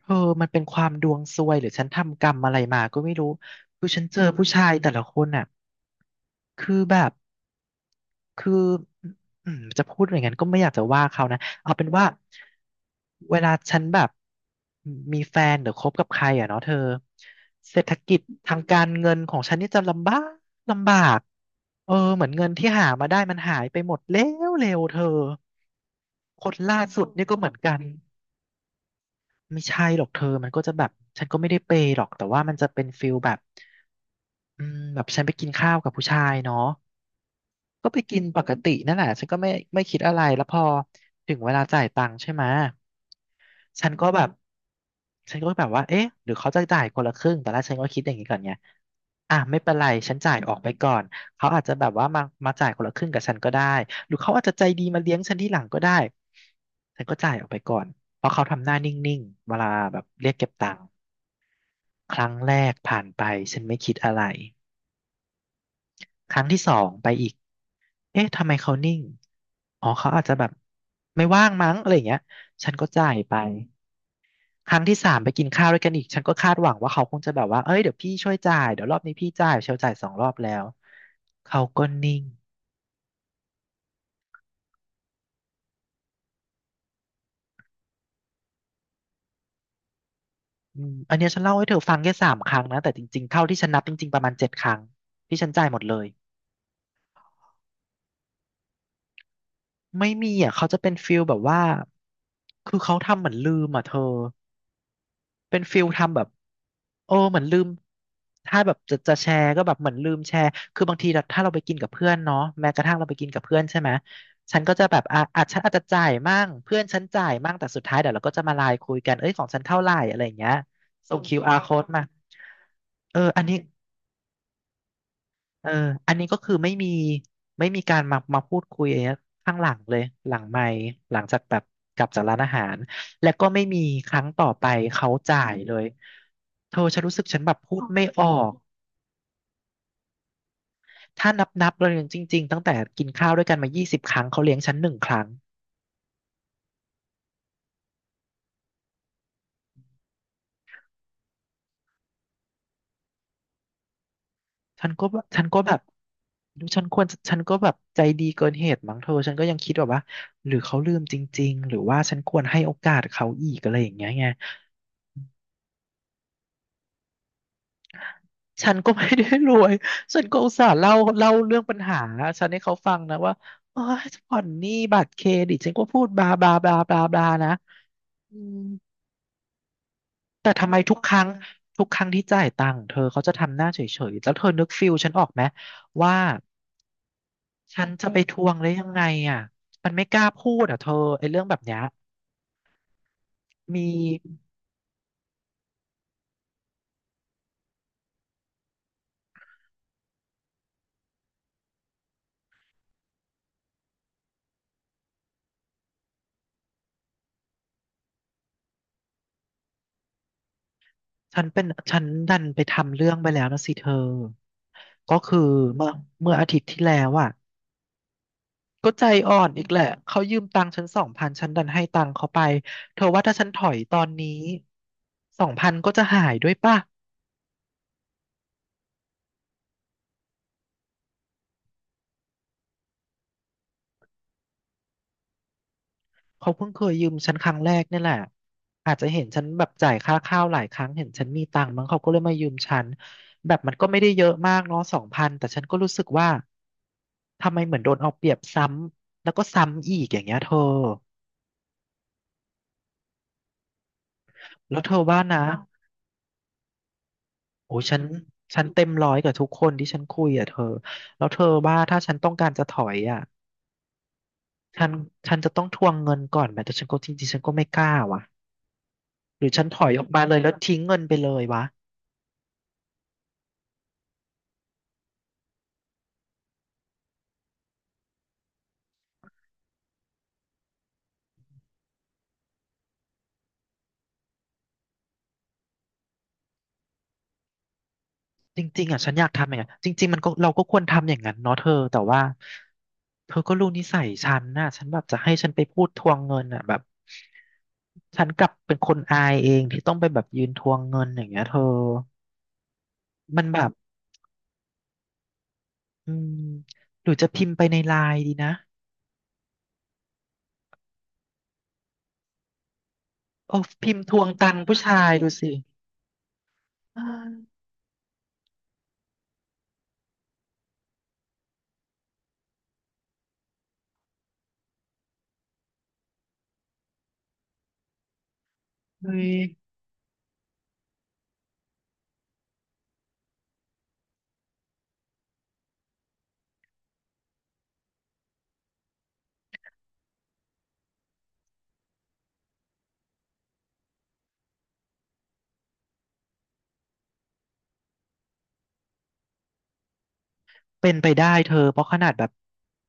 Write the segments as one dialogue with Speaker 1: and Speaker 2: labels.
Speaker 1: เธอมันเป็นความดวงซวยหรือฉันทำกรรมอะไรมาก็ไม่รู้คือฉันเจอผู้ชายแต่ละคนอ่ะคือแบบคืออืมจะพูดอย่างนั้นก็ไม่อยากจะว่าเขานะเอาเป็นว่าเวลาฉันแบบมีแฟนหรือคบกับใครอ่ะเนาะเธอเศรษฐกิจทางการเงินของฉันนี่จะลำบากลำบากเออเหมือนเงินที่หามาได้มันหายไปหมดแล้วเร็วเธอคนล่าสุดนี่ก็เหมือนกัน ไม่ใช่หรอกเธอมันก็จะแบบฉันก็ไม่ได้เปย์หรอกแต่ว่ามันจะเป็นฟิลแบบแบบฉันไปกินข้าวกับผู้ชายเนาะ ก็ไปกินปกตินั่นแหละฉันก็ไม่ไม่คิดอะไร แล้วพอถึงเวลาจ่ายตังค์ใช่ไหม ฉันก็แบบฉันก็แบบว่าเอ๊ะหรือเขาจะจ่ายคนละครึ่งตอนแรกฉันก็คิดอย่างนี้ก่อนไงอ่ะไม่เป็นไรฉันจ่ายออกไปก่อน เขาอาจจะแบบว่ามาจ่ายคนละครึ่งกับฉันก็ได้หรือเขาอาจจะใจดีมาเลี้ยงฉันที่หลังก็ได้ ฉันก็จ่ายออกไปก่อนเพราะเขาทำหน้านิ่งๆ เวลาแบบเรียกเก็บตังค์ครั้งแรกผ่านไปฉันไม่คิดอะไร ครั้งที่สองไปอีกเอ๊ะทำไมเขานิ่งอ๋อเขาอาจจะแบบไม่ว่างมั้งอะไรอย่างเงี้ยฉันก็จ่ายไปครั้งที่สามไปกินข้าวด้วยกันอีก ฉันก็คาดหวังว่าเขาคงจะแบบว่าเอ้ยเดี๋ยวพี่ช่วยจ่ายเดี๋ยวรอบนี้พี่จ่ายเชลจ่ายสองรอบแล้ว เขาก็นิ่งอันเนี้ยฉันเล่าให้เธอฟังแค่สามครั้งนะแต่จริงๆเท่าที่ฉันนับจริงๆประมาณเจ็ดครั้งที่ฉันจ่ายหมดเลยไม่มีอ่ะเขาจะเป็นฟิลแบบว่าคือเขาทำเหมือนลืมอ่ะเธอ เป็นฟิลทำแบบโอ้เหมือนลืมถ้าแบบจะแชร์ก็แบบเหมือนลืมแชร์คือบางทีเราถ้าเราไปกินกับเพื่อนเนาะแม้กระทั่งเราไปกินกับเพื่อนใช่ไหมฉันก็จะแบบอ่ะฉันอาจจะจ่ายมั่งเพื่อนฉันจ่ายมั่งแต่สุดท้ายเดี๋ยวเราก็จะมาไลน์คุยกันเอ้ยของฉันเท่าไหร่อะไรอย่างเงี้ยส่งคิวอาร์ o code มาเอออันนี้ เอออันนี้ก็คือไม่มีไม่มีการมาพูดคุยอะไรเงี้ยข้างหลังเลยหลังไมค์หลังจากแบบกลับจากร้านอาหารและก็ไม่มีครั้งต่อไปเขาจ่ายเลยเธอฉันรู้สึกฉันแบบพูดไม่ออกถ้านับเลยจริงๆตั้งแต่กินข้าวด้วยกันมา20 ครั้งเขาเลี้ยงฉันหนึ่งครั้งฉันก็แบบดูฉันควรฉันก็แบบใจดีเกินเหตุมั้งเธอฉันก็ยังคิดแบบว่าหรือเขาลืมจริงๆหรือว่าฉันควรให้โอกาสเขาอีกอะไรอย่างเงี้ยไง ฉันก็ไม่ได้รวยฉันก็อุตส่าห์เล่าเรื่องปัญหาฉันให้เขาฟังนะว่าโอ้ยผ่อนหนี้บัตรเครดิตฉันก็พูดบลาบลาบลาบลาบลานะแต่ทำไมทุกครั้งทุกครั้งที่จ่ายตังค์เธอเขาจะทำหน้าเฉยๆแล้วเธอนึกฟิลฉันออกไหมว่าฉันจะไปทวงได้ยังไงอ่ะมันไม่กล้าพูดอ่ะเธอไอ้เรื่องแบบเนี้ยมีฉันเป็นฉันดันไปทำเรื่องไปแล้วนะสิเธอก็คือเมื่อเมื่ออาทิตย์ที่แล้วอ่ะ ก็ใจอ่อนอีกแหละเขายืมตังค์ฉันสองพันฉันดันให้ตังค์เขาไปเธอว่าถ้าฉันถอยตอนนี้สองพันก็จะหายด้วยป่ะเขาเพิ่งเคยยืมฉันครั้งแรกนี่แหละอาจจะเห็นฉันแบบจ่ายค่าข้าวหลายครั้งเห็นฉันมีตังค์มั้งเขาก็เลยมายืมฉันแบบมันก็ไม่ได้เยอะมากเนาะสองพันแต่ฉันก็รู้สึกว่าทำไมเหมือนโดนเอาเปรียบซ้ำแล้วก็ซ้ำอีกอย่างเงี้ยเธอแล้วเธอว่านะ โอ้ยฉันเต็มร้อยกับทุกคนที่ฉันคุยอ่ะเธอแล้วเธอว่าถ้าฉันต้องการจะถอยอ่ะฉันฉันจะต้องทวงเงินก่อนไหมแต่ฉันก็จริงๆฉันก็ไม่กล้าว่ะหรือฉันถอยออกมาเลยแล้วทิ้งเงินไปเลยวะจริงๆอ่ะฉันอยากทำอย่างนั้นจริงๆมันก็เราก็ควรทำอย่างนั้นเนาะเธอแต่ว่าเธอก็รู้นิสัยฉันน่ะฉันแบบจะให้ฉันไปพูดทวงเงินอ่ะแบบฉันกลับเป็นคนอายเองที่ต้องไปแบบยืนทวงเงินอย่างเงี้ยเธอมันแบบอืมหรือจะพิมพ์ไปในไลน์ดีนะ โอ้พิมพ์ทวงตังค์ผู้ชายดูสิเฮ้ยเป็นไปได้เธอเพราะขนาดแบบ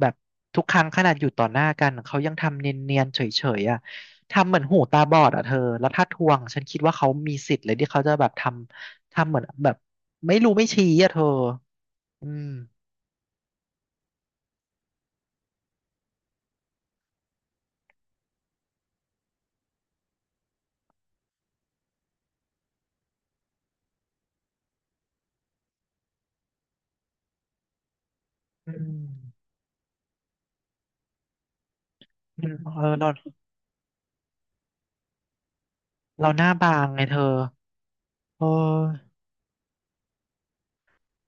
Speaker 1: แบบทุกครั้งขนาดอยู่ต่อหน้ากันเขายังทำเนียนๆเฉยๆอ่ะทำเหมือนหูตาบอดอ่ะเธอแล้วถ้าทวงฉันคิดว่าเขามีสิทธิ์เลยที่เขาจะแบบทำเหมือนแบบไม่รู้ไม่ชี้อ่ะเธออืมอืมอืมเออเราหน้าบางไงเธอเออ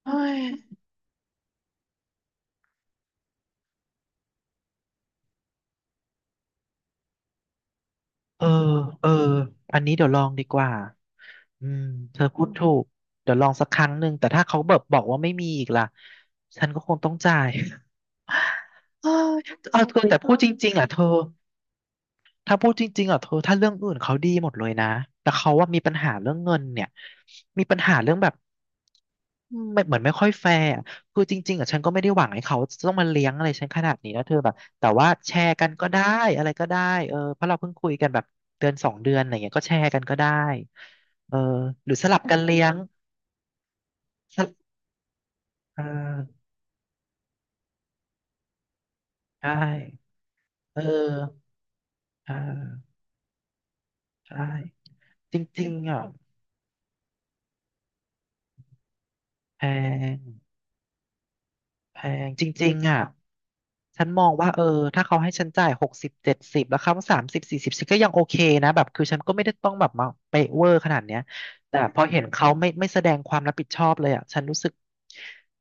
Speaker 1: เฮ้ย เออเอออันนี้เดี๋ยวลองดีกว่าอืมเธอพูดถูกเดี๋ยวลองสักครั้งหนึ่งแต่ถ้าเขาแบบบอกว่าไม่มีอีกล่ะฉันก็คงต้องจ่าย เออเอาเธอแต่พูดจริงๆอ่ะเธอ ถ้าพูดจริงๆอ่ะเธอถ้าเรื่องอื่นเขาดีหมดเลยนะแต่เขาว่ามีปัญหาเรื่องเงินเนี่ยมีปัญหาเรื่องแบบไม่เหมือนไม่ค่อยแฟร์อะคือจริงๆอ่ะฉันก็ไม่ได้หวังให้เขาจะต้องมาเลี้ยงอะไรฉันขนาดนี้นะเธอแบบแต่ว่าแชร์กันก็ได้อะไรก็ได้เออเพราะเราเพิ่งคุยกันแบบเดือนสองเดือนอะไรเงี้ยก็แชร์กันก็ได้เออหรือสลับกันเลี้ยงสลับเออใช่เออเออใช่จริงๆอ่ะแพงแพงจริงๆอ่ะ ฉันมองว่าเออถ้าเขาให้ฉันจ่าย6070แล้วเขา3040ฉันก็ยังโอเคนะแบบคือฉันก็ไม่ได้ต้องแบบมาเปะเวอร์ขนาดเนี้ยแต่พอเห็นเขาไม่แสดงความรับผิดชอบเลยอ่ะฉันรู้สึก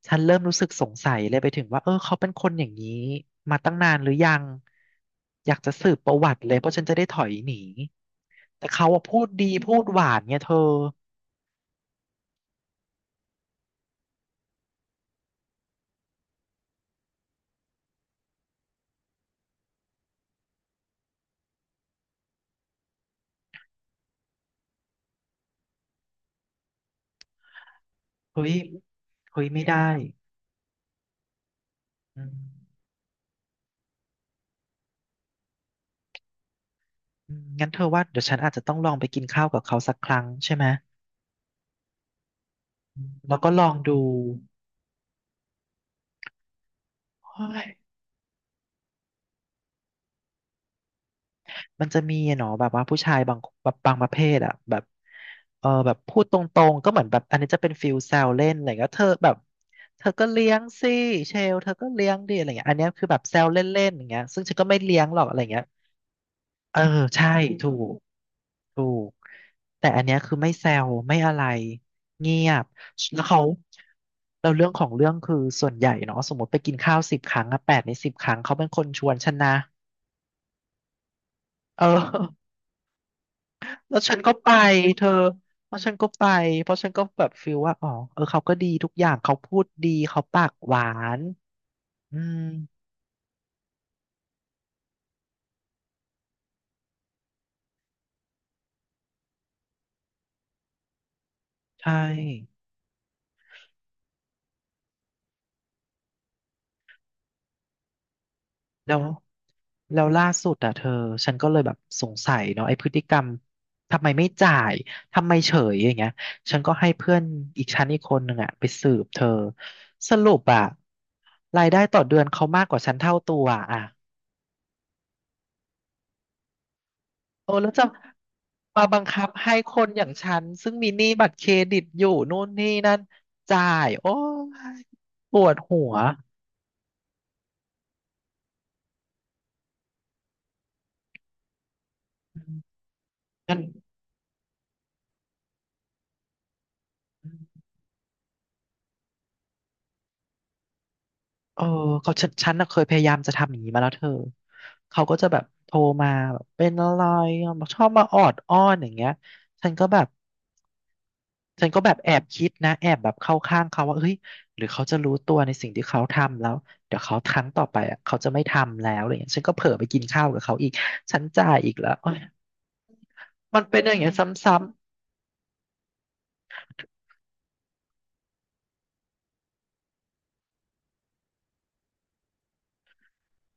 Speaker 1: ฉันเริ่มรู้สึกสงสัยเลยไปถึงว่าเออเขาเป็นคนอย่างนี้มาตั้งนานหรือยังอยากจะสืบประวัติเลยเพราะฉันจะได้ถอยหนีแต่เขาอะพูดดีพูดหวานเนี่ยเธอเฮ้ยเฮ้ยไม่ได้อืมอืมงั้นเธอว่าเดี๋ยวฉันอาจจะต้องลองไปกินข้าวกับเขาสักครั้งใช่ไหม แล้วก็ลองดูเฮ้ยมันจะมีอะเนาะแบบว่าผู้ชายบางแบบบางประเภทอะแบบเออแบบพูดตรงๆก็เหมือนแบบอันนี้จะเป็นฟิลแซวเล่นอะไรเงี้ยเธอแบบเธอก็เลี้ยงสิเชลเธอก็เลี้ยงดิอะไรเงี้ยอันเนี้ยคือแบบแซวเล่นๆอย่างเงี้ยซึ่งฉันก็ไม่เลี้ยงหรอกอะไรเงี้ยเออใช่ถูกถูกแต่อันเนี้ยคือไม่แซวไม่อะไรเงียบแล้วเขาเราเรื่องของเรื่องคือส่วนใหญ่เนาะสมมติไปกินข้าวสิบครั้งอะ8 ใน 10 ครั้งเขาเป็นคนชวนฉันนะ เออ แล้วฉันก็ไปเธอเพราะฉันก็ไปเพราะฉันก็แบบฟีลว่าอ๋อเออเขาก็ดีทุกอย่างเขาพูดดีเขาปากหวานอืมใช่แล้วแล้วล่าสุดอ่ะเธอฉันก็เลยแบบสงสัยเนาะไอ้พฤติกรรมทำไมไม่จ่ายทำไมเฉยอย่างเงี้ยฉันก็ให้เพื่อนอีกชั้นอีกคนหนึ่งอ่ะไปสืบเธอสรุปอ่ะรายได้ต่อเดือนเขามากกว่าฉันเท่าตัวอ่ะ โอ้แล้วจะมาบังคับให้คนอย่างฉันซึ่งมีหนี้บัตรเครดิตอยู่นู่นนี่นั่นจ่ายโอ้ยปวดหัวอืมงั้นเออเขาฉันน่ะเคยพยายามจะทำอย่างนี้มาแล้วเธอเขาก็จะแบบโทรมาแบบเป็นอะไรอ่ะชอบมาออดอ้อนอย่างเงี้ยฉันก็แบบ ฉันก็แบบแอบคิดนะแอบแบบเข้าข้างเขาว่าเฮ้ยหรือเขาจะรู้ตัวในสิ่งที่เขาทำแล้วเดี๋ยวเขาครั้งต่อไปอ่ะเขาจะไม่ทำแล้วอะไรเงี้ยฉันก็เผลอไปกินข้าวกับเขาอีกฉันจ่ายอีกแล้วโอ๊ยมันเป็นอย่างเงี้ยซ้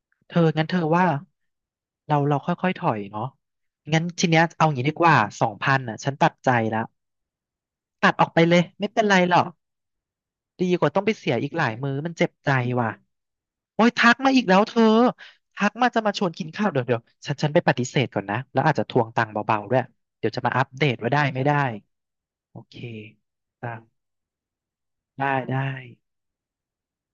Speaker 1: ำๆเธองั้นเธอว่าเราค่อยๆถอยเนาะงั้นทีเนี้ยเอาอย่างนี้ดีกว่า2,000อ่ะฉันตัดใจแล้วตัดออกไปเลยไม่เป็นไรหรอก ดีกว่าต้องไปเสียอีกหลายมื้อมันเจ็บใจว่ะโอ้ยทักมาอีกแล้วเธอทักมาจะมาชวนกินข้าวเดี๋ยวเดี๋ยวฉันไปปฏิเสธก่อนนะแล้วอาจจะทวงตังค์เบาๆด้วยเดี๋ยวจะมาอัปเดตว่าได้ไม่ได้โอเคตังค์ได้ได้